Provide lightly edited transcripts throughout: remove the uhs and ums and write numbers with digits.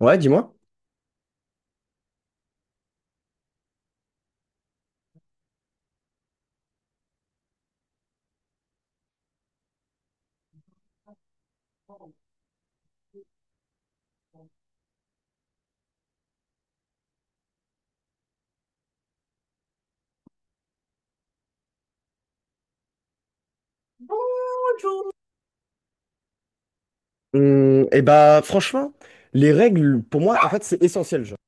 Ouais, dis-moi. Et bah franchement, les règles, pour moi, en fait, c'est essentiel, genre.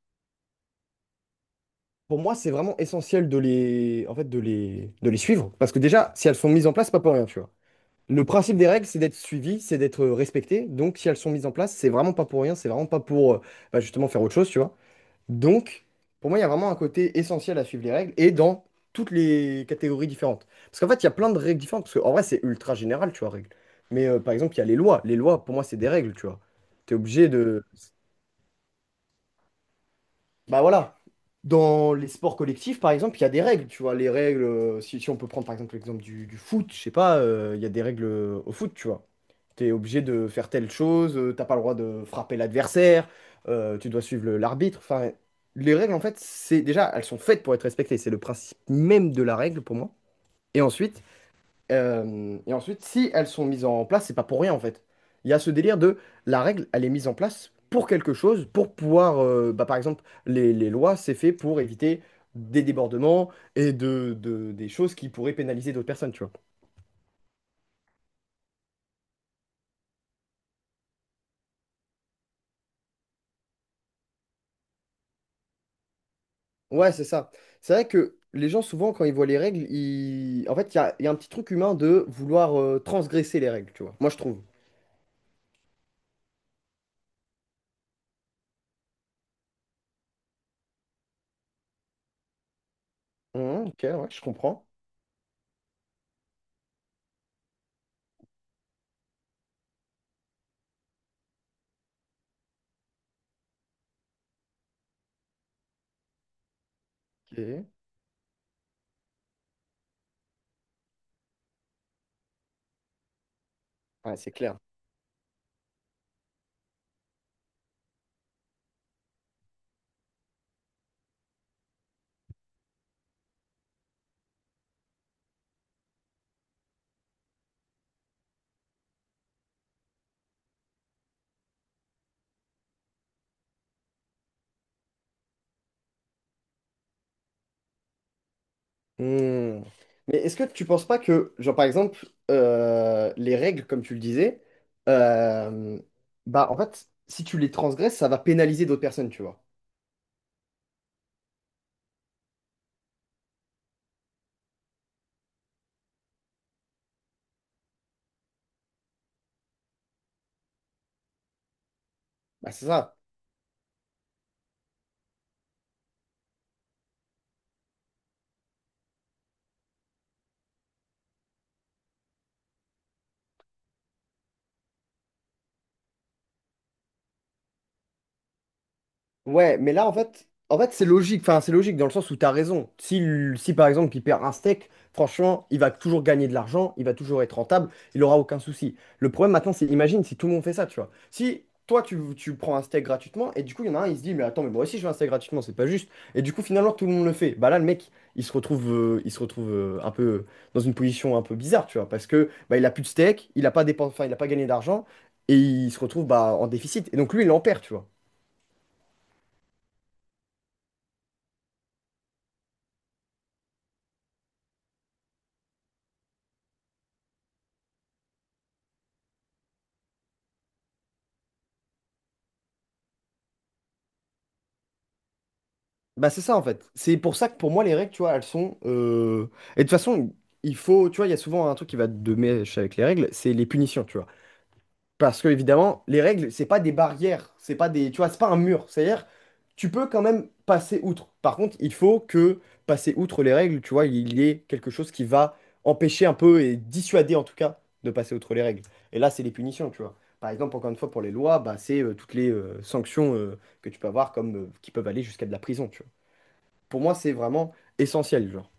Pour moi, c'est vraiment essentiel de les, en fait, de les suivre. Parce que déjà, si elles sont mises en place, c'est pas pour rien, tu vois. Le principe des règles, c'est d'être suivi, c'est d'être respecté. Donc, si elles sont mises en place, c'est vraiment pas pour rien, c'est vraiment pas pour, bah, justement, faire autre chose, tu vois. Donc, pour moi, il y a vraiment un côté essentiel à suivre les règles et dans toutes les catégories différentes. Parce qu'en fait, il y a plein de règles différentes. Parce qu'en vrai, c'est ultra général, tu vois, règles. Mais par exemple, il y a les lois. Les lois, pour moi, c'est des règles, tu vois. Tu es obligé. Mm. De, bah voilà. Dans les sports collectifs, par exemple, il y a des règles, tu vois. Les règles, si on peut prendre par exemple l'exemple du foot, je sais pas, il y a des règles au foot, tu vois. T'es obligé de faire telle chose, t'as pas le droit de frapper l'adversaire, tu dois suivre l'arbitre. Enfin, les règles, en fait, c'est déjà, elles sont faites pour être respectées. C'est le principe même de la règle pour moi. Et ensuite, si elles sont mises en place, c'est pas pour rien en fait. Il y a ce délire de la règle, elle est mise en place pour quelque chose, pour pouvoir, bah, par exemple, les lois, c'est fait pour éviter des débordements et des choses qui pourraient pénaliser d'autres personnes, tu vois. Ouais, c'est ça. C'est vrai que les gens, souvent, quand ils voient les règles, ils... en fait, il y a un petit truc humain de vouloir transgresser les règles, tu vois. Moi, je trouve. Ok, ouais, je comprends. Ok. Ouais, c'est clair. Hmm. Mais est-ce que tu penses pas que, genre par exemple, les règles, comme tu le disais, euh, bah en fait, si tu les transgresses, ça va pénaliser d'autres personnes, tu vois. Bah c'est ça. Ouais, mais là, en fait, c'est logique. Enfin, c'est logique dans le sens où t'as raison. Si par exemple, il perd un steak, franchement, il va toujours gagner de l'argent, il va toujours être rentable, il aura aucun souci. Le problème maintenant, c'est, imagine si tout le monde fait ça, tu vois. Si toi, tu prends un steak gratuitement, et du coup, il y en a un, il se dit, mais attends, mais moi aussi, je veux un steak gratuitement, c'est pas juste. Et du coup, finalement, tout le monde le fait. Bah là, le mec, il se retrouve un peu dans une position un peu bizarre, tu vois, parce que bah, il a plus de steak, il a pas dépen- enfin, il a pas gagné d'argent, et il se retrouve bah, en déficit. Et donc, lui, il en perd, tu vois. Bah c'est ça en fait. C'est pour ça que pour moi les règles, tu vois, elles sont... Et de toute façon, tu vois, il y a souvent un truc qui va de mèche avec les règles, c'est les punitions, tu vois. Parce que évidemment, les règles, c'est pas des barrières, c'est pas des... Tu vois, c'est pas un mur. C'est-à-dire, tu peux quand même passer outre. Par contre, il faut que passer outre les règles, tu vois, il y ait quelque chose qui va empêcher un peu et dissuader en tout cas de passer outre les règles. Et là, c'est les punitions, tu vois. Par exemple, encore une fois, pour les lois, bah, c'est toutes les sanctions que tu peux avoir comme qui peuvent aller jusqu'à de la prison, tu vois. Pour moi, c'est vraiment essentiel, genre.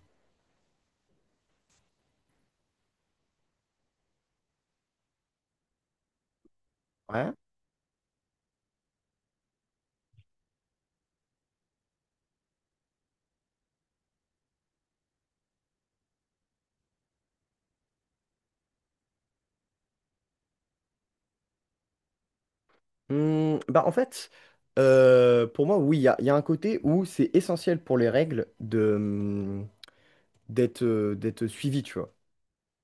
Ouais. Bah en fait, pour moi, oui, il y a un côté où c'est essentiel pour les règles d'être d'être suivi, tu vois.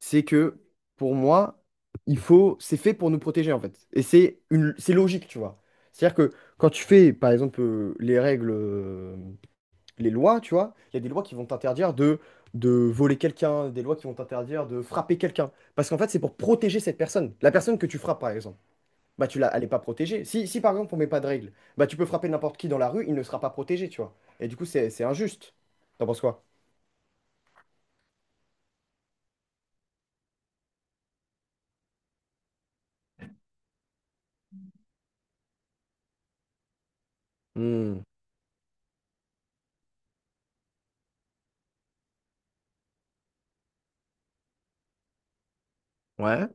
C'est que pour moi, il faut, c'est fait pour nous protéger en fait. Et c'est une, c'est logique, tu vois. C'est-à-dire que quand tu fais, par exemple, les règles, les lois, tu vois, il y a des lois qui vont t'interdire de voler quelqu'un, des lois qui vont t'interdire de frapper quelqu'un. Parce qu'en fait, c'est pour protéger cette personne, la personne que tu frappes, par exemple. Elle est pas protégée. Si par exemple on met pas de règles, bah tu peux frapper n'importe qui dans la rue, il ne sera pas protégé, tu vois. Et du coup, c'est injuste. T'en penses quoi? Hmm. Ouais.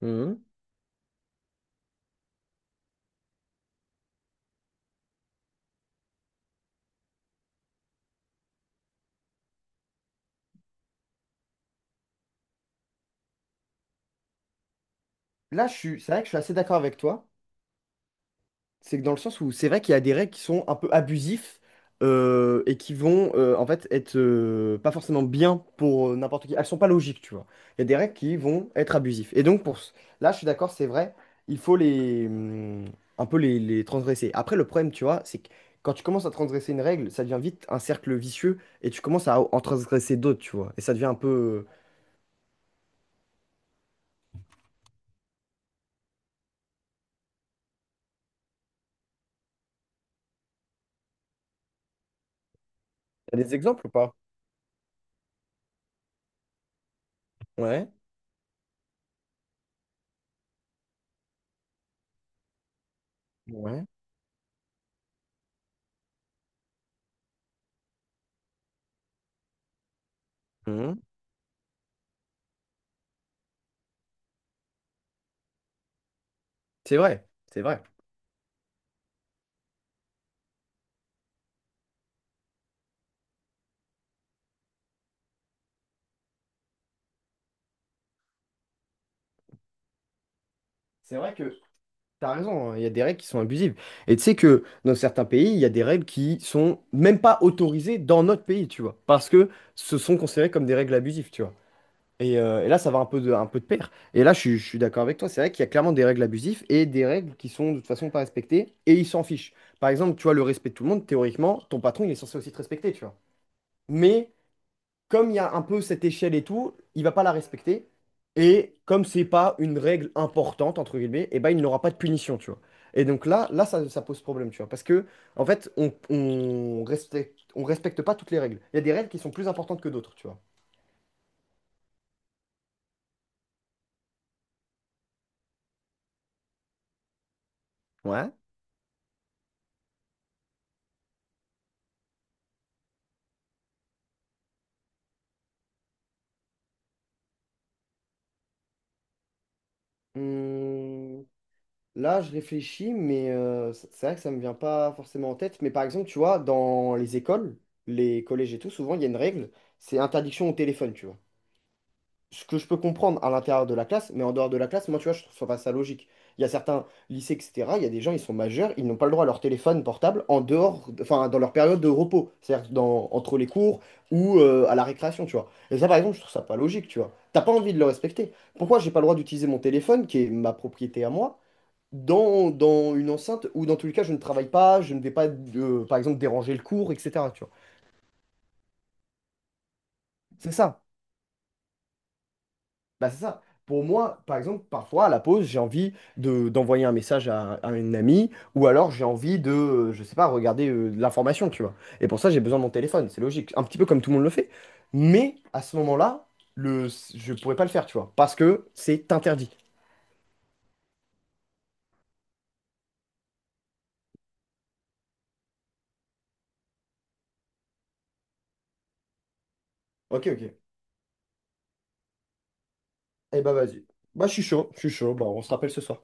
Hmm. Là, je suis, c'est vrai que je suis assez d'accord avec toi. C'est que dans le sens où c'est vrai qu'il y a des règles qui sont un peu abusifs et qui vont en fait être pas forcément bien pour n'importe qui. Elles sont pas logiques, tu vois. Il y a des règles qui vont être abusives. Et donc là, je suis d'accord, c'est vrai, il faut les un peu les transgresser. Après, le problème, tu vois, c'est que quand tu commences à transgresser une règle, ça devient vite un cercle vicieux et tu commences à en transgresser d'autres, tu vois. Et ça devient un peu. T'as des exemples ou pas? Ouais. Ouais. Mhm. C'est vrai, c'est vrai. C'est vrai que T'as raison, hein, il y a des règles qui sont abusives. Et tu sais que dans certains pays, il y a des règles qui sont même pas autorisées dans notre pays, tu vois, parce que ce sont considérées comme des règles abusives, tu vois. Et là, ça va un peu de pair. Et là, je suis d'accord avec toi, c'est vrai qu'il y a clairement des règles abusives et des règles qui sont de toute façon pas respectées, et ils s'en fichent. Par exemple, tu vois, le respect de tout le monde, théoriquement, ton patron, il est censé aussi te respecter, tu vois. Mais comme il y a un peu cette échelle et tout, il va pas la respecter. Et comme c'est pas une règle importante, entre guillemets, et ben il n'aura pas de punition, tu vois. Et donc là ça pose problème, tu vois. Parce que, en fait, on respecte pas toutes les règles. Il y a des règles qui sont plus importantes que d'autres, tu vois. Ouais. Hum, Là, je réfléchis, mais c'est vrai que ça me vient pas forcément en tête. Mais par exemple, tu vois, dans les écoles, les collèges et tout, souvent, il y a une règle, c'est interdiction au téléphone, tu vois. Ce que je peux comprendre à l'intérieur de la classe, mais en dehors de la classe, moi, tu vois, je trouve pas ça logique. Il y a certains lycées, etc., il y a des gens, ils sont majeurs, ils n'ont pas le droit à leur téléphone portable en dehors, enfin, dans leur période de repos, c'est-à-dire dans, entre les cours ou à la récréation, tu vois. Et ça, par exemple, je trouve ça pas logique, tu vois. T'as pas envie de le respecter. Pourquoi j'ai pas le droit d'utiliser mon téléphone, qui est ma propriété à moi, dans une enceinte où, dans tous les cas, je ne travaille pas, je ne vais pas, par exemple, déranger le cours, etc., tu vois. C'est ça. Bah, c'est ça. Pour moi, par exemple, parfois à la pause, j'ai envie d'envoyer un message à une amie ou alors j'ai envie de, je sais pas, regarder de l'information, tu vois. Et pour ça, j'ai besoin de mon téléphone, c'est logique. Un petit peu comme tout le monde le fait. Mais à ce moment-là, le, je pourrais pas le faire, tu vois, parce que c'est interdit. Ok, ok. Eh bah, vas-y. Bah, je suis chaud, je suis chaud. Bah, on se rappelle ce soir.